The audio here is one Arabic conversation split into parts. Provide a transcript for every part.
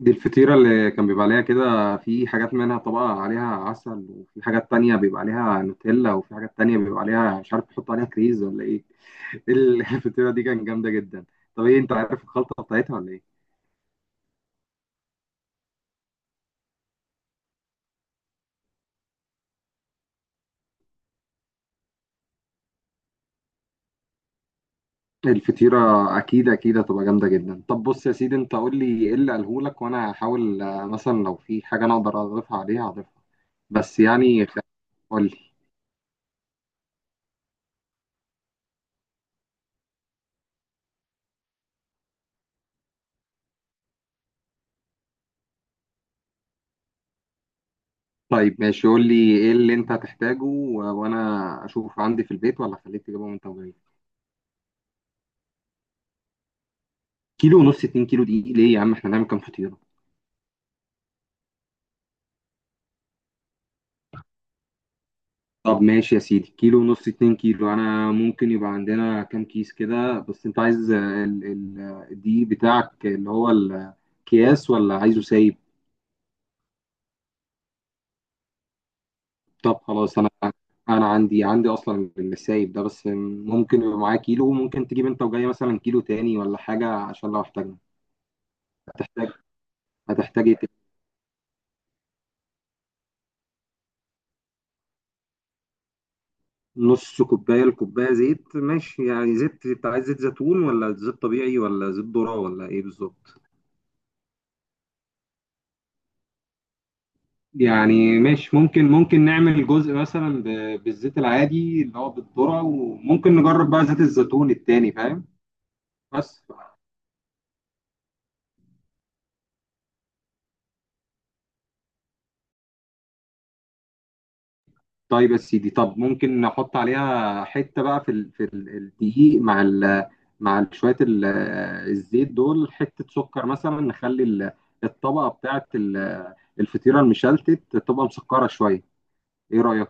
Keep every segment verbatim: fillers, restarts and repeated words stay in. دي الفطيرة اللي كان بيبقى عليها كده. في حاجات منها طبقة عليها عسل، وفي حاجات تانية بيبقى عليها نوتيلا، وفي حاجات تانية بيبقى عليها مش عارف، بيحطوا عليها كريز ولا ايه. الفطيرة دي كانت جامدة جدا. طب ايه، انت عارف الخلطة بتاعتها ولا ايه؟ الفطيرة أكيد أكيد هتبقى جامدة جدا. طب بص يا سيدي، أنت قول لي إيه اللي قالهولك وأنا هحاول آه، مثلا لو في حاجة أنا أقدر أضيفها عليها هضيفها. بس يعني خ- قول لي. طيب ماشي، قول لي إيه اللي أنت هتحتاجه، و- وأنا أشوف عندي في البيت ولا خليك تجيبه من تمرين. كيلو ونص اتنين كيلو دي ليه يا عم، احنا هنعمل كام فطيرة؟ طب ماشي يا سيدي، كيلو ونص اتنين كيلو انا ممكن يبقى عندنا كام كيس كده. بس انت عايز آه، ال ال آه، الدقيق بتاعك اللي هو الاكياس ولا عايزه سايب؟ طب خلاص انا، انا عندي، عندي اصلا السايب ده. بس ممكن يبقى معاه كيلو، وممكن تجيب انت وجاي مثلا كيلو تاني ولا حاجة عشان لو احتاجنا. هتحتاج هتحتاج إيه تاني؟ نص كوباية لكوباية زيت ماشي. يعني زيت، انت عايز زيت زيتون ولا زيت طبيعي ولا زيت ذرة ولا ايه بالظبط؟ يعني ماشي، ممكن ممكن نعمل جزء مثلا ب- بالزيت العادي اللي هو بالذرة، وممكن نجرب بقى زيت الزيتون التاني، فاهم؟ بس طيب يا سيدي، طب ممكن نحط عليها حتة بقى في ال في ال- الدقيق مع ال مع ال- شوية ال- الزيت دول، حتة سكر مثلا، نخلي ال- الطبقة بتاعت ال- الفطيرة المشلتت تبقى مسكرة شوية. ايه رأيك؟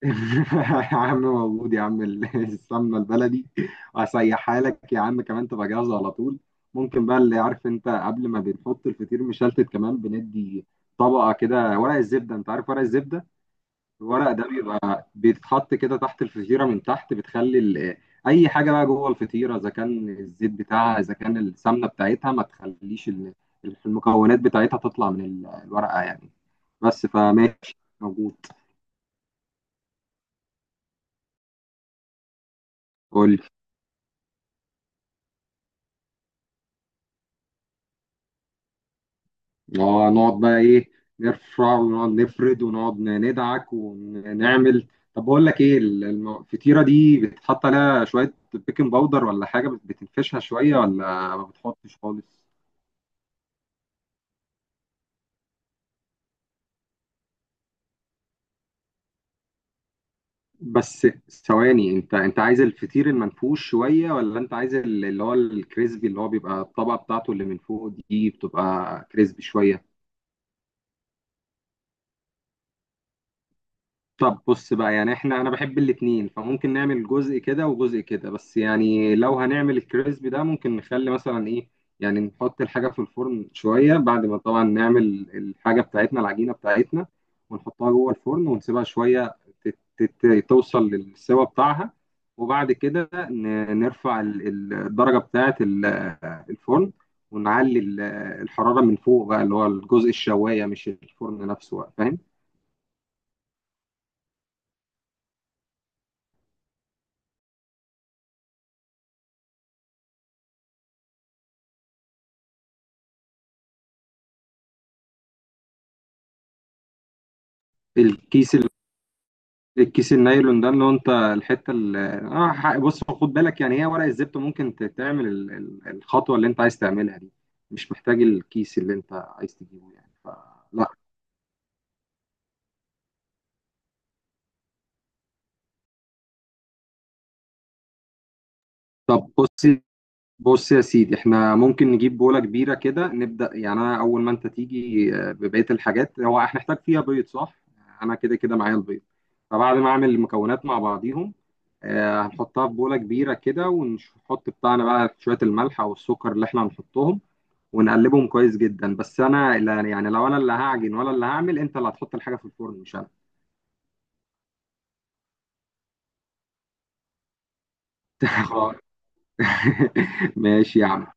يا عم موجود يا عم ال- السمنه البلدي، وهسيحها لك يا عم كمان تبقى جاهزه على طول. ممكن بقى اللي عارف انت، قبل ما بنحط الفطير مشلتت، كمان بندي طبقه كده ورق الزبده. انت عارف ورق الزبده؟ الورق ده بيبقى بيتحط كده تحت الفطيره من تحت، بتخلي ال- اي حاجه بقى جوه الفطيره، اذا كان الزيت بتاعها اذا كان السمنه بتاعتها، ما تخليش ال- المكونات بتاعتها تطلع من ال- الورقه يعني. بس فماشي، موجود. قول. اه، نقعد بقى ايه، نرفع ونقعد نفرد ونقعد ندعك ونعمل. طب بقول لك ايه، ال- الم- الفطيره دي بتحط عليها شويه بيكنج باودر ولا حاجه بت- بتنفشها شويه، ولا ما بتحطش خالص؟ بس ثواني، انت انت عايز الفطير المنفوش شويه، ولا انت عايز ال- اللي هو الكريسبي اللي هو بيبقى الطبقه بتاعته اللي من فوق دي بتبقى كريسبي شويه؟ طب بص بقى، يعني احنا، انا بحب الاتنين، فممكن نعمل جزء كده وجزء كده. بس يعني لو هنعمل الكريسبي ده، ممكن نخلي مثلا ايه، يعني نحط الحاجة في الفرن شوية بعد ما طبعا نعمل الحاجة بتاعتنا، العجينة بتاعتنا، ونحطها جوه الفرن ونسيبها شوية تت- تت- توصل للسوا بتاعها، وبعد كده ن- نرفع ال- ال- الدرجة بتاعة ال- الفرن، ونعلي ال- الحرارة من فوق بقى اللي هو الجزء الشواية، مش الفرن نفسه بقى، فاهم؟ الكيس، الكيس النايلون ده اللي هو انت، الحته اللي اه ح- بص خد بالك، يعني هي ورق الزبده ممكن ت- تعمل ال- ال- الخطوه اللي انت عايز تعملها دي. مش محتاج الكيس اللي انت عايز تجيبه يعني فلا. طب بص بص يا سيدي، احنا ممكن نجيب بولة كبيرة كده نبدأ. يعني انا اول ما انت تيجي آه، ببقية الحاجات، هو هنحتاج فيها بيض صح؟ انا كده كده معايا البيض. فبعد ما اعمل المكونات مع بعضيهم، آه، هنحطها في بولة كبيرة كده، ونحط بتاعنا بقى شوية الملح او السكر اللي احنا هنحطهم، ونقلبهم كويس جدا. بس انا لا، يعني لو انا اللي هعجن ولا اللي هعمل، انت اللي هتحط الحاجة في الفرن مش انا. خلاص. ماشي يا عم.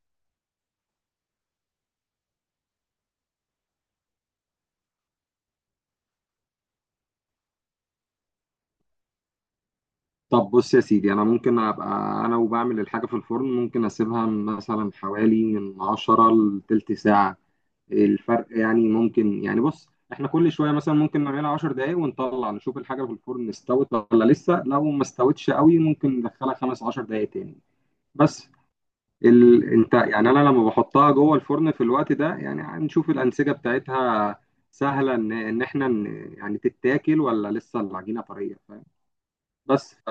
طب بص يا سيدي، انا ممكن ابقى، انا وبعمل الحاجه في الفرن ممكن اسيبها مثلا حوالي من عشرة لتلت ساعه. الفرق يعني ممكن، يعني بص احنا كل شويه مثلا ممكن نعملها عشر دقائق، ونطلع نشوف الحاجه في الفرن استوت ولا لسه. لو ما استوتش قوي ممكن ندخلها خمس عشر دقائق تاني. بس ال... انت يعني، انا لما بحطها جوه الفرن في الوقت ده يعني هنشوف الانسجه بتاعتها سهله ان ان احنا ن- يعني تتاكل، ولا لسه العجينه طريه، فاهم؟ بس ف...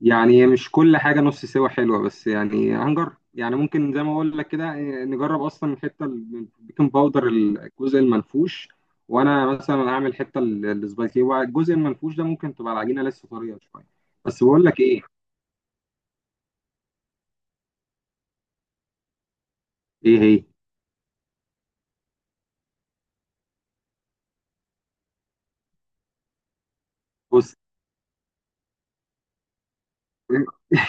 يعني مش كل حاجة نص سوا حلوة، بس يعني هنجرب يعني. ممكن زي ما بقول لك كده إيه، نجرب أصلا الحتة ال- البيكنج باودر الجزء المنفوش، وأنا مثلا هعمل حتة ال- السبايسي. هو الجزء المنفوش ده ممكن تبقى العجينة لسه طرية شوية. بس بقول لك إيه. إيه هي؟ بص.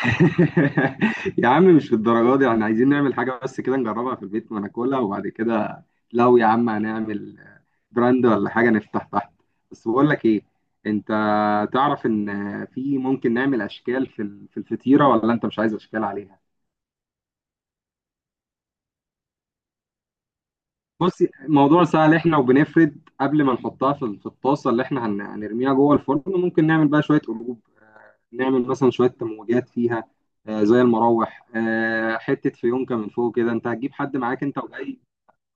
يا عم مش للدرجه دي، احنا عايزين نعمل حاجه بس كده نجربها في البيت وناكلها، وبعد كده لو يا عم هنعمل براند ولا حاجه نفتح تحت. بس بقول لك ايه، انت تعرف ان في ممكن نعمل اشكال في ال- في الفطيره، ولا انت مش عايز اشكال عليها؟ بصي، الموضوع سهل، احنا وبنفرد قبل ما نحطها في في الطاسه اللي احنا هن- هنرميها جوه الفرن، ممكن نعمل بقى شويه قلوب، آه، نعمل مثلا شويه تموجات فيها، آه، زي المراوح، آه، حته فيونكه من فوق كده. انت هتجيب حد معاك انت وجاي؟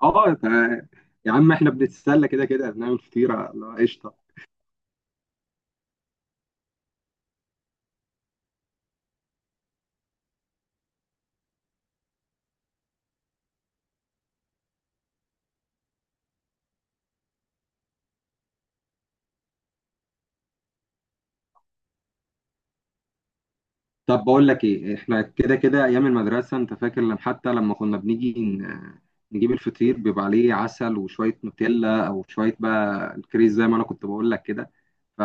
اه تع- يا عم احنا بنتسلى كده كده، بنعمل فطيره، لا، قشطه. طب بقول لك ايه، احنا كده كده ايام المدرسه انت فاكر، لما حتى لما كنا بنيجي ن- نجيب الفطير بيبقى عليه عسل وشويه نوتيلا او شويه بقى الكريز زي ما انا كنت بقول لك كده. ف-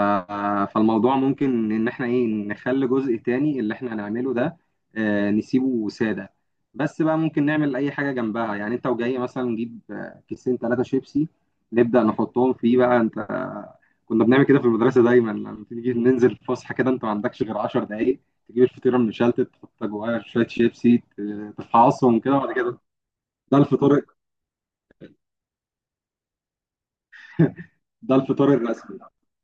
فالموضوع ممكن ان احنا ايه، نخلي جزء تاني اللي احنا هنعمله ده، آه، نسيبه سادة. بس بقى ممكن نعمل اي حاجة جنبها، يعني انت وجاي مثلا نجيب آه، كيسين ثلاثة شيبسي، نبدأ نحطهم فيه بقى انت. كنا بنعمل كده في المدرسة دايما، لما تيجي ننزل الفسحة كده انت ما عندكش غير عشر دقايق، تجيب الفطيرة المشلتت تحط جواها شوية شيبسي ت- تفعصهم كده، وبعد كده ده الفطار. ده الفطار الرسمي.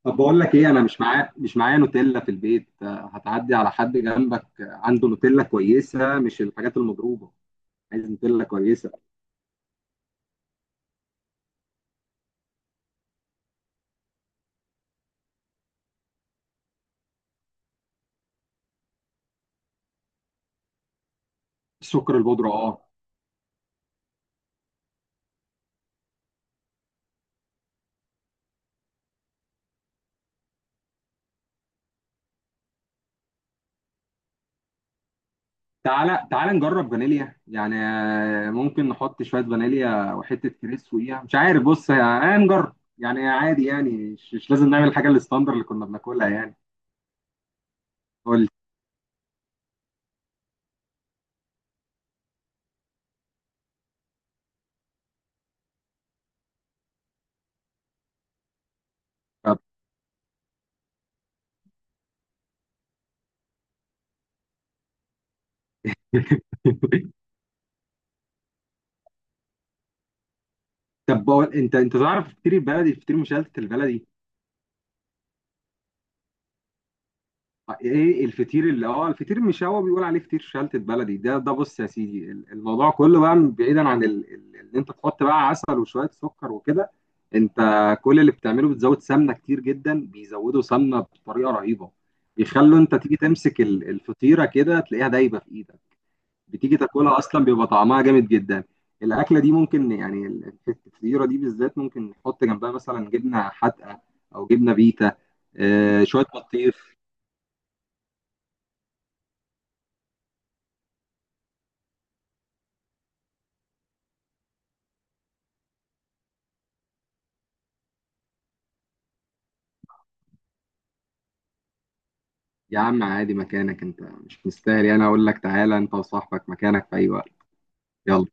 طب بقول لك ايه، انا مش معايا مش معايا نوتيلا في البيت. آه، هتعدي على حد جنبك آه، عنده نوتيلا كويسه، مش الحاجات المضروبه. عايز نوتيلا كويسه. السكر البودره، اه. تعالى تعالى نجرب فانيليا يعني، آه، ممكن نحط شويه فانيليا وحته كريس فوقيها مش عارف. بص، آه، هنجرب يعني عادي، يعني مش, مش لازم نعمل الحاجه الستاندر اللي كنا بناكلها يعني. قول لي. طب. طب بقول، انت انت تعرف الفطير البلدي، الفطير مشلتت البلدي؟ ايه الفطير اللي اه الفطير المشاوي بيقول عليه فطير شلتت بلدي ده. ده بص يا سيدي، ال- الموضوع كله بقى من- بعيدا عن ال- ال- ان انت تحط بقى عسل وشويه سكر وكده، انت كل اللي بتعمله بتزود سمنه كتير جدا. بيزودوا سمنه بطريقه رهيبه، بيخلوا انت تيجي تمسك ال- الفطيره كده تلاقيها دايبه في ايدك. بتيجي تاكلها اصلا بيبقى طعمها جامد جدا. الاكله دي ممكن يعني ال- الفطيره دي بالذات ممكن نحط جنبها مثلا جبنه حادقه، او جبنه بيتا، آه، شويه بطيخ. يا عم عادي، مكانك، انت مش مستاهل يعني اقول لك تعالى. انت وصاحبك مكانك في اي وقت. يلا.